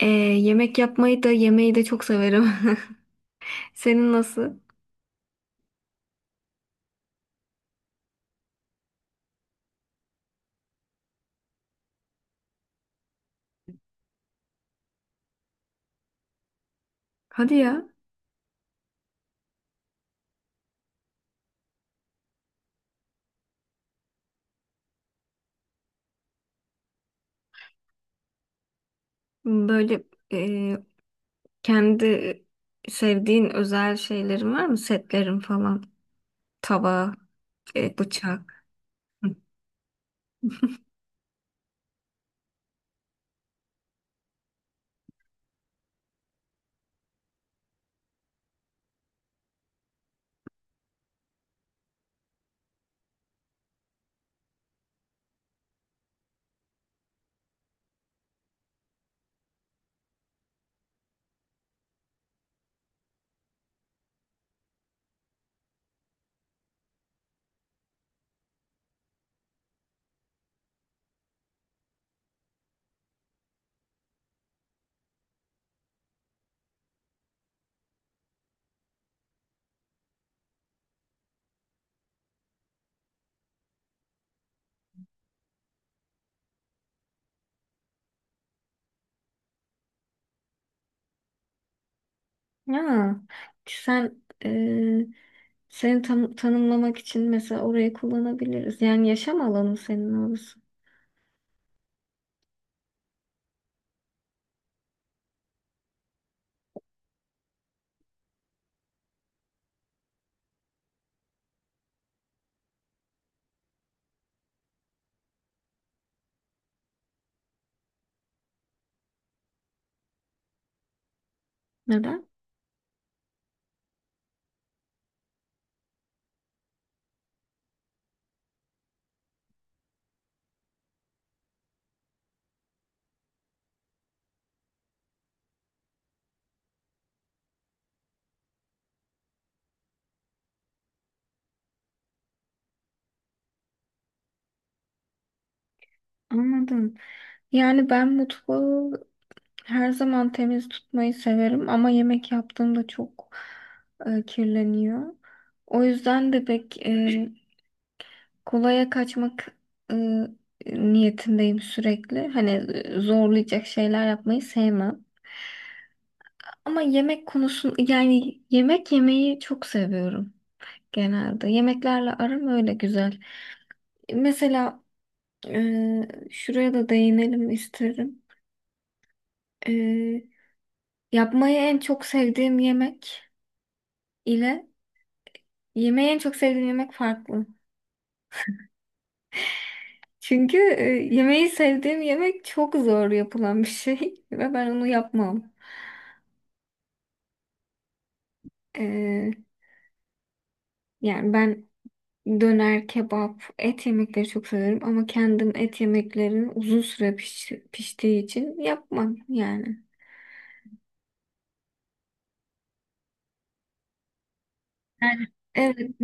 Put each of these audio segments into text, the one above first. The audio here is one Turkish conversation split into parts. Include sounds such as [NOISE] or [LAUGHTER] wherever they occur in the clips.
Ee, Yemek yapmayı da yemeği de çok severim. [LAUGHS] Senin nasıl? Hadi ya. Böyle e, kendi sevdiğin özel şeylerin var mı? Setlerin falan. Tava, bıçak. Hı. [LAUGHS] Ya sen tanımlamak için mesela orayı kullanabiliriz. Yani yaşam alanı senin orası. Neden? Anladım. Yani ben mutfağı her zaman temiz tutmayı severim ama yemek yaptığımda çok kirleniyor. O yüzden de pek kolaya kaçmak e, niyetindeyim sürekli. Hani zorlayacak şeyler yapmayı sevmem. Ama yemek konusun yani yemek yemeyi çok seviyorum genelde. Yemeklerle aram öyle güzel. Mesela şuraya da değinelim isterim. E, Yapmayı en çok sevdiğim yemek ile yemeği en çok sevdiğim yemek farklı. Çünkü yemeği sevdiğim yemek çok zor yapılan bir şey [LAUGHS] ve ben onu yapmam. E, Yani ben döner, kebap, et yemekleri çok severim ama kendim et yemeklerini uzun süre piştiği için yapmam yani. Yani. Evet.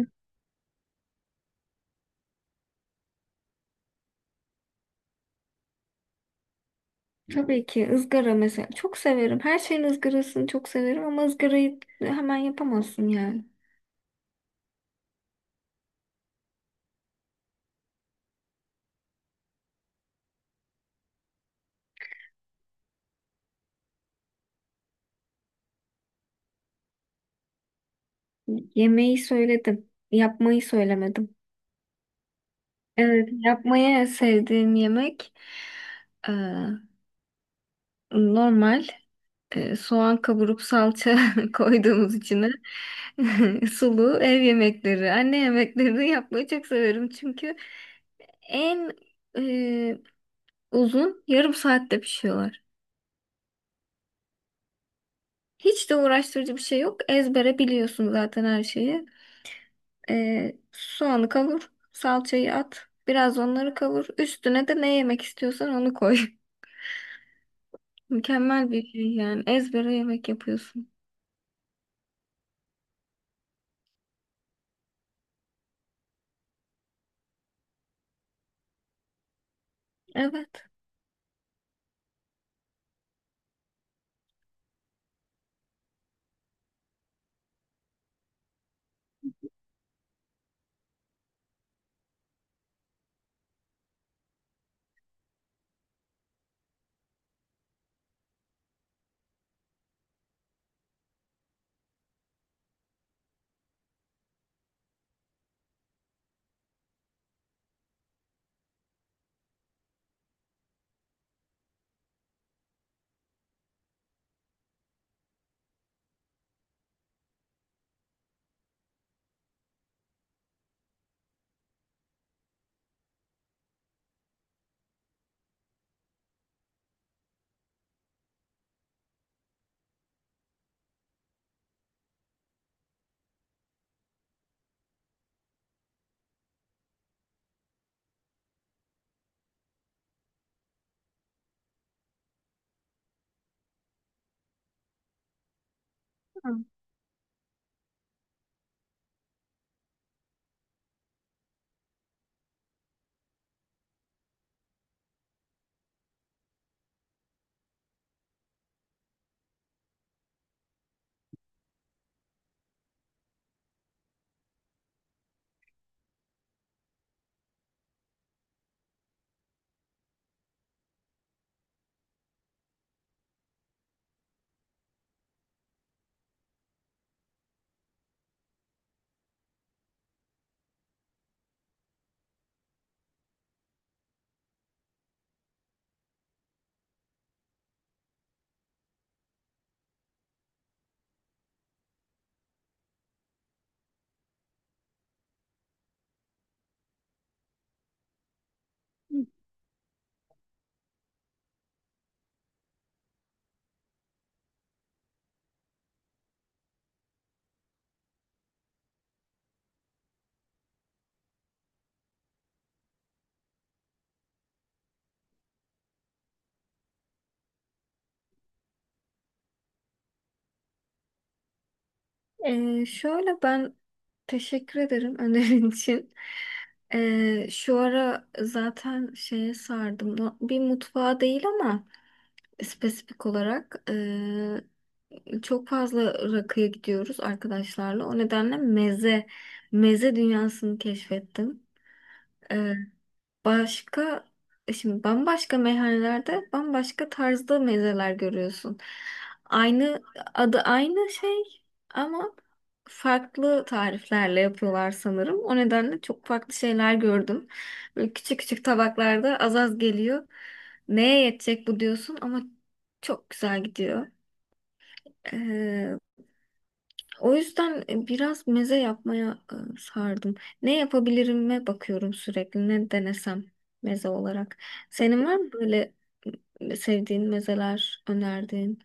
Tabii ki ızgara mesela çok severim. Her şeyin ızgarasını çok severim ama ızgarayı hemen yapamazsın yani. Yemeği söyledim, yapmayı söylemedim. Evet, yapmaya sevdiğim yemek e, normal soğan kavurup salça [LAUGHS] koyduğumuz içine [LAUGHS] sulu ev yemekleri, anne yemeklerini yapmayı çok severim çünkü en e, uzun yarım saatte pişiyorlar. Hiç de uğraştırıcı bir şey yok. Ezbere biliyorsun zaten her şeyi. Soğanı kavur, salçayı at, biraz onları kavur. Üstüne de ne yemek istiyorsan onu koy. [LAUGHS] Mükemmel bir şey yani. Ezbere yemek yapıyorsun. Evet. Tamam. Şöyle ben teşekkür ederim [LAUGHS] önerin için. Şu ara zaten şeye sardım. Bir mutfağa değil ama. Spesifik olarak çok fazla rakıya gidiyoruz arkadaşlarla. O nedenle meze dünyasını keşfettim. Başka şimdi bambaşka meyhanelerde bambaşka tarzda mezeler görüyorsun. Aynı adı aynı şey ama farklı tariflerle yapıyorlar sanırım. O nedenle çok farklı şeyler gördüm. Böyle küçük küçük tabaklarda az az geliyor. Neye yetecek bu diyorsun ama çok güzel gidiyor. O yüzden biraz meze yapmaya sardım. Ne yapabilirim'e bakıyorum sürekli. Ne denesem meze olarak. Senin var mı böyle sevdiğin mezeler önerdiğin?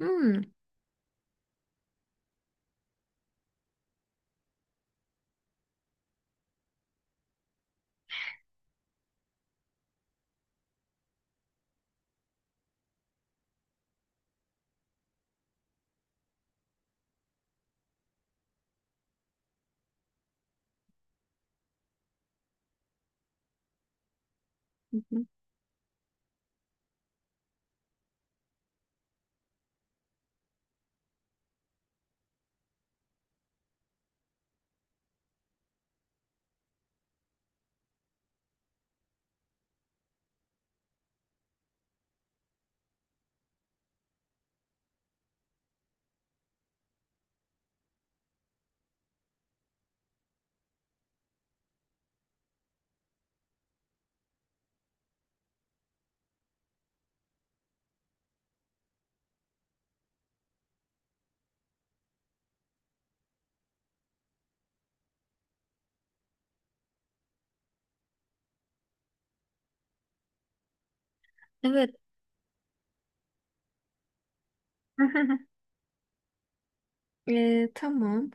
Hmm. Hı hı. Evet. [LAUGHS] E, tamam.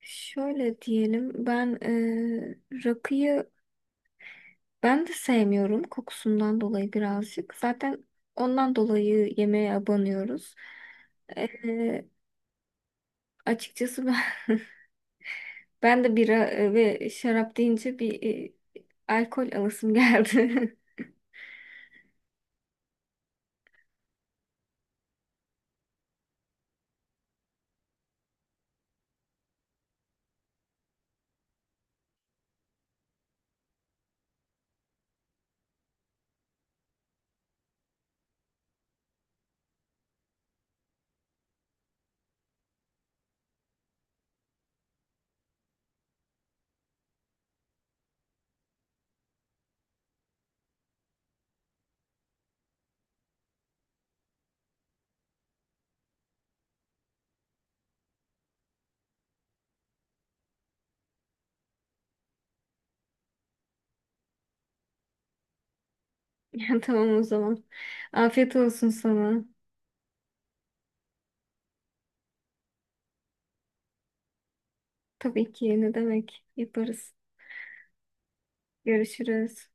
Şöyle diyelim. Ben rakıyı ben de sevmiyorum kokusundan dolayı birazcık. Zaten ondan dolayı yemeğe abanıyoruz. E, Açıkçası ben [LAUGHS] ben de bira ve şarap deyince alkol alasım geldi. [LAUGHS] Ya tamam o zaman. Afiyet olsun sana. Tabii ki ne demek. Yaparız. Görüşürüz.